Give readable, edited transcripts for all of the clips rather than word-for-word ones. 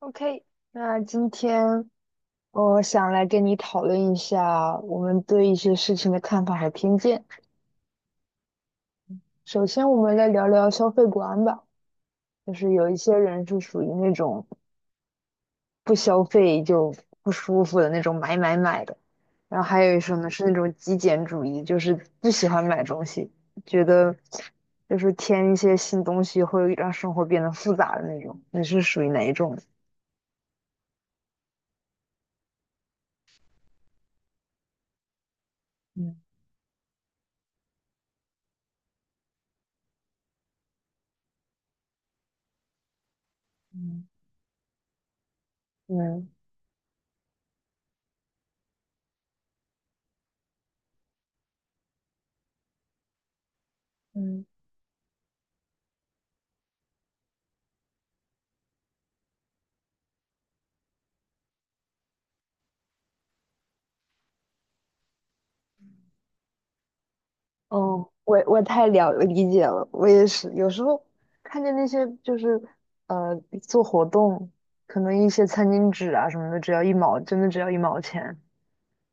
OK，那今天我想来跟你讨论一下我们对一些事情的看法和偏见。首先，我们来聊聊消费观吧，就是有一些人是属于那种不消费就不舒服的那种买买买的，然后还有一种呢是那种极简主义，就是不喜欢买东西，觉得就是添一些新东西会让生活变得复杂的那种。你是属于哪一种？嗯嗯嗯。嗯。哦，我太了理解了，我也是。有时候看见那些就是呃做活动，可能一些餐巾纸啊什么的，只要一毛，真的只要一毛钱。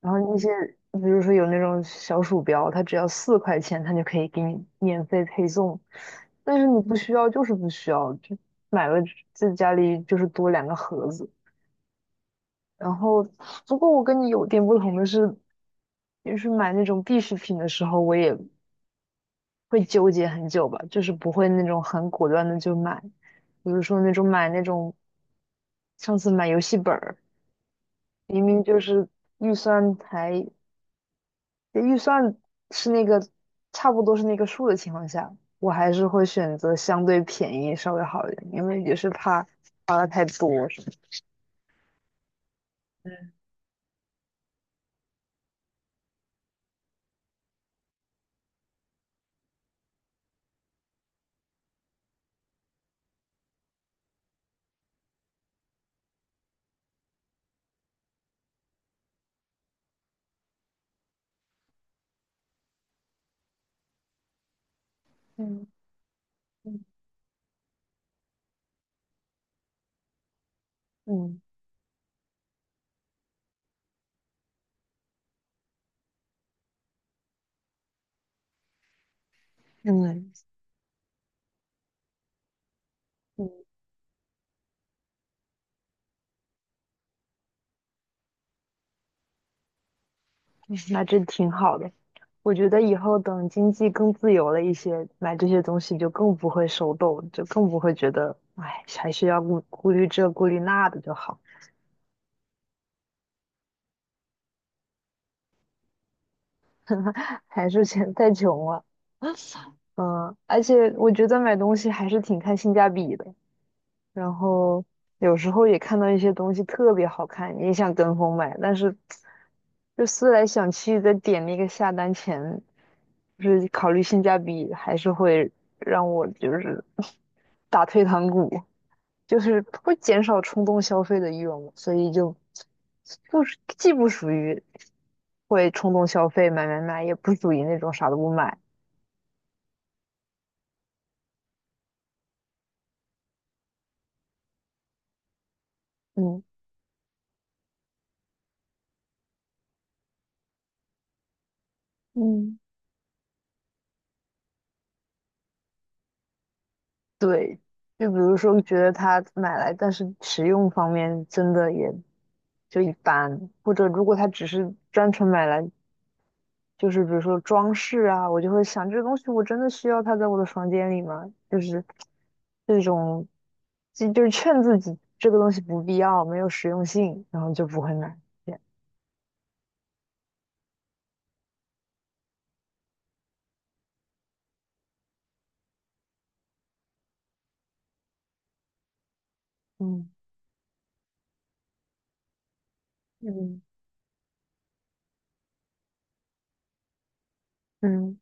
然后那些比如说有那种小鼠标，它只要4块钱，它就可以给你免费配送。但是你不需要就是不需要，就买了在家里就是多2个盒子。然后不过我跟你有点不同的是，就是买那种必需品的时候，我也会纠结很久吧，就是不会那种很果断的就买，比如说那种买那种上次买游戏本儿，明明就是预算才预算是那个差不多是那个数的情况下，我还是会选择相对便宜稍微好一点，因为也是怕花的太多什么嗯嗯嗯，嗯嗯，嗯那真挺好的。我觉得以后等经济更自由了一些，买这些东西就更不会手抖，就更不会觉得，哎，还是要顾虑这顾虑那的就好，还是钱太穷了。嗯，而且我觉得买东西还是挺看性价比的。然后有时候也看到一些东西特别好看，你也想跟风买，但是就思来想去，在点那个下单前，就是考虑性价比，还是会让我就是 打退堂鼓，就是会减少冲动消费的欲望嘛，所以就不是既不属于会冲动消费买买买，也不属于那种啥都不买，嗯。嗯。对，就比如说觉得它买来，但是使用方面真的也就一般，或者如果它只是单纯买来，就是比如说装饰啊，我就会想这个东西我真的需要它在我的房间里吗？就是这种，就是劝自己这个东西不必要，没有实用性，然后就不会买。这样嗯嗯嗯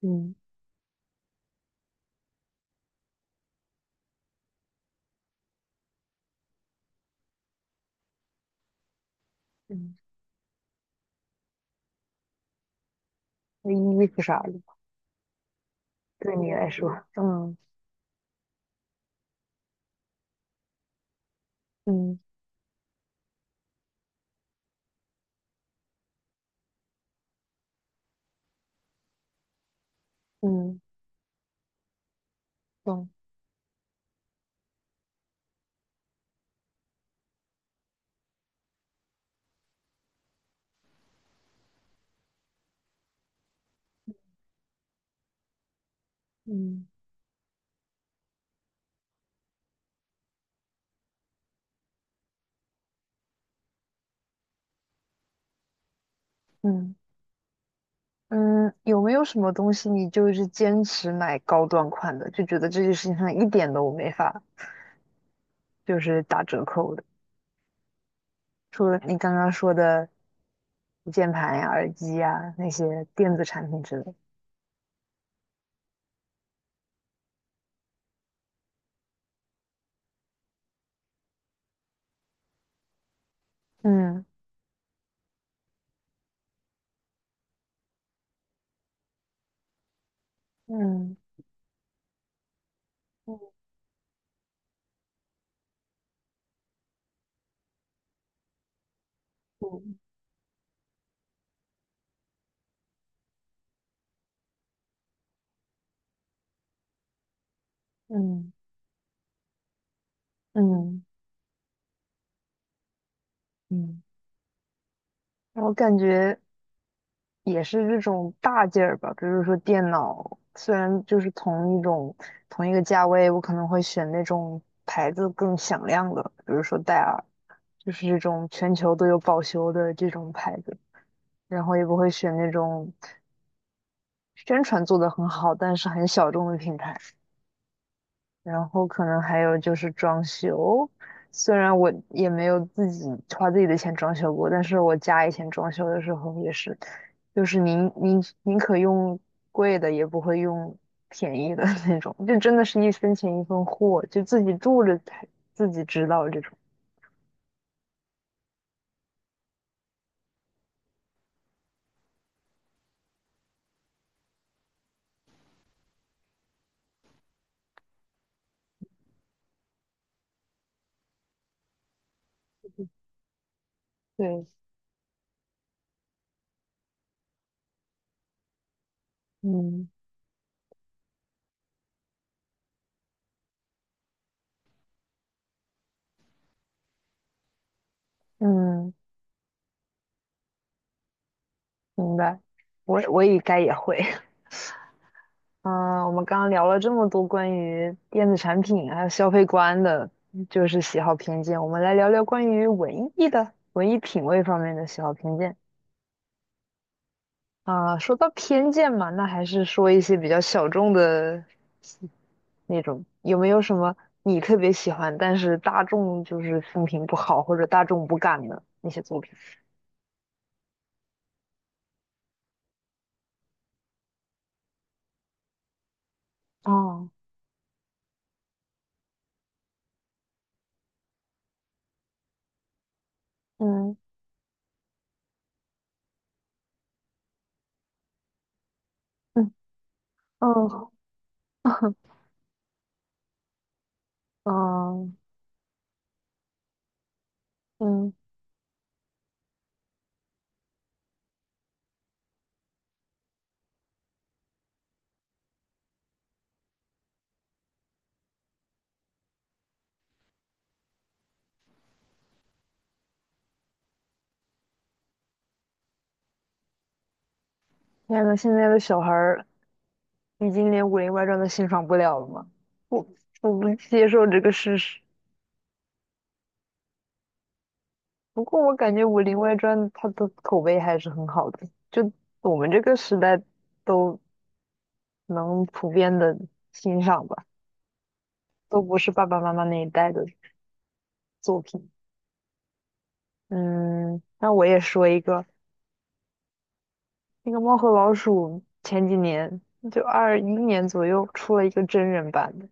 嗯嗯，那衣服啥的，对你来说，嗯嗯嗯，懂，嗯嗯。嗯，有没有什么东西你就是坚持买高端款的，就觉得这件事情上一点都没法就是打折扣的？除了你刚刚说的键盘呀、耳机呀那些电子产品之类的。嗯嗯嗯嗯嗯嗯嗯，我感觉。也是这种大件儿吧，比如说电脑，虽然就是同一种同一个价位，我可能会选那种牌子更响亮的，比如说戴尔，就是这种全球都有保修的这种牌子，然后也不会选那种宣传做得很好，但是很小众的品牌。然后可能还有就是装修，虽然我也没有自己花自己的钱装修过，但是我家以前装修的时候也是，就是宁可用贵的，也不会用便宜的 那种，就真的是一分钱一分货，就自己住着才自己知道这种。对，嗯嗯，明白，我也该也会。嗯，我们刚刚聊了这么多关于电子产品还有消费观的，就是喜好偏见。我们来聊聊关于文艺品味方面的喜好偏见。啊、说到偏见嘛，那还是说一些比较小众的那种。有没有什么你特别喜欢，但是大众就是风评不好或者大众不敢的那些作品？哦，嗯嗯嗯 嗯嗯，天呐，现在的小孩儿已经连《武林外传》都欣赏不了了吗？我我不接受这个事实。不过我感觉《武林外传》它的口碑还是很好的，就我们这个时代都能普遍的欣赏吧，都不是爸爸妈妈那一代的作品。嗯，那我也说一个，那个《猫和老鼠》前几年就21年左右出了一个真人版的，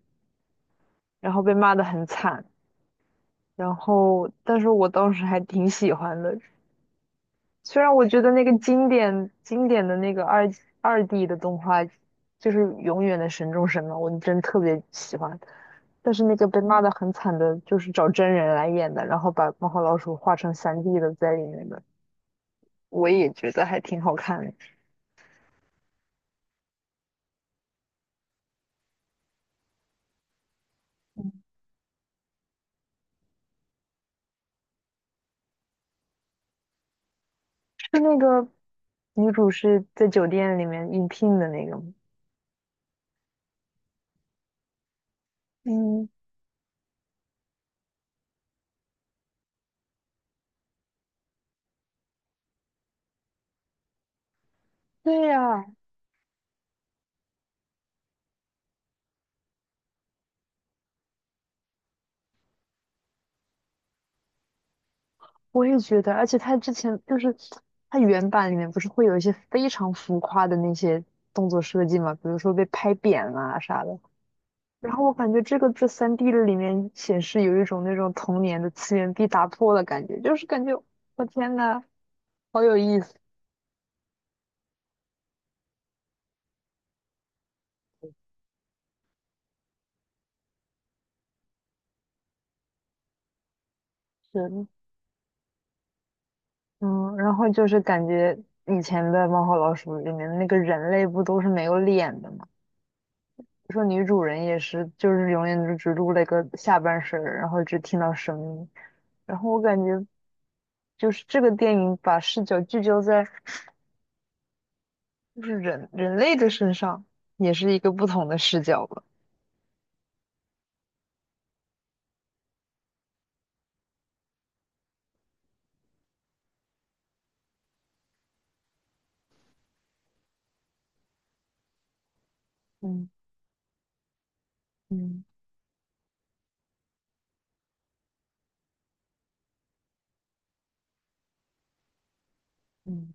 然后被骂得很惨。然后，但是我当时还挺喜欢的，虽然我觉得那个经典的那个二 D 的动画，就是永远的神中神嘛，我真特别喜欢。但是那个被骂的很惨的，就是找真人来演的，然后把猫和老鼠画成三 d 的在里面的，我也觉得还挺好看的。是那个女主是在酒店里面应聘的那个吗？嗯，对呀、我也觉得，而且他之前就是他原版里面不是会有一些非常浮夸的那些动作设计嘛，比如说被拍扁啊啥的。然后我感觉这个在三 d 的里面显示有一种那种童年的次元壁打破的感觉，就是感觉我天呐，好有意思。是嗯，然后就是感觉以前的《猫和老鼠》里面的那个人类不都是没有脸的嘛，说女主人也是，就是永远就只录了一个下半身儿然后只听到声音。然后我感觉就是这个电影把视角聚焦在就是人类的身上，也是一个不同的视角吧。嗯嗯嗯。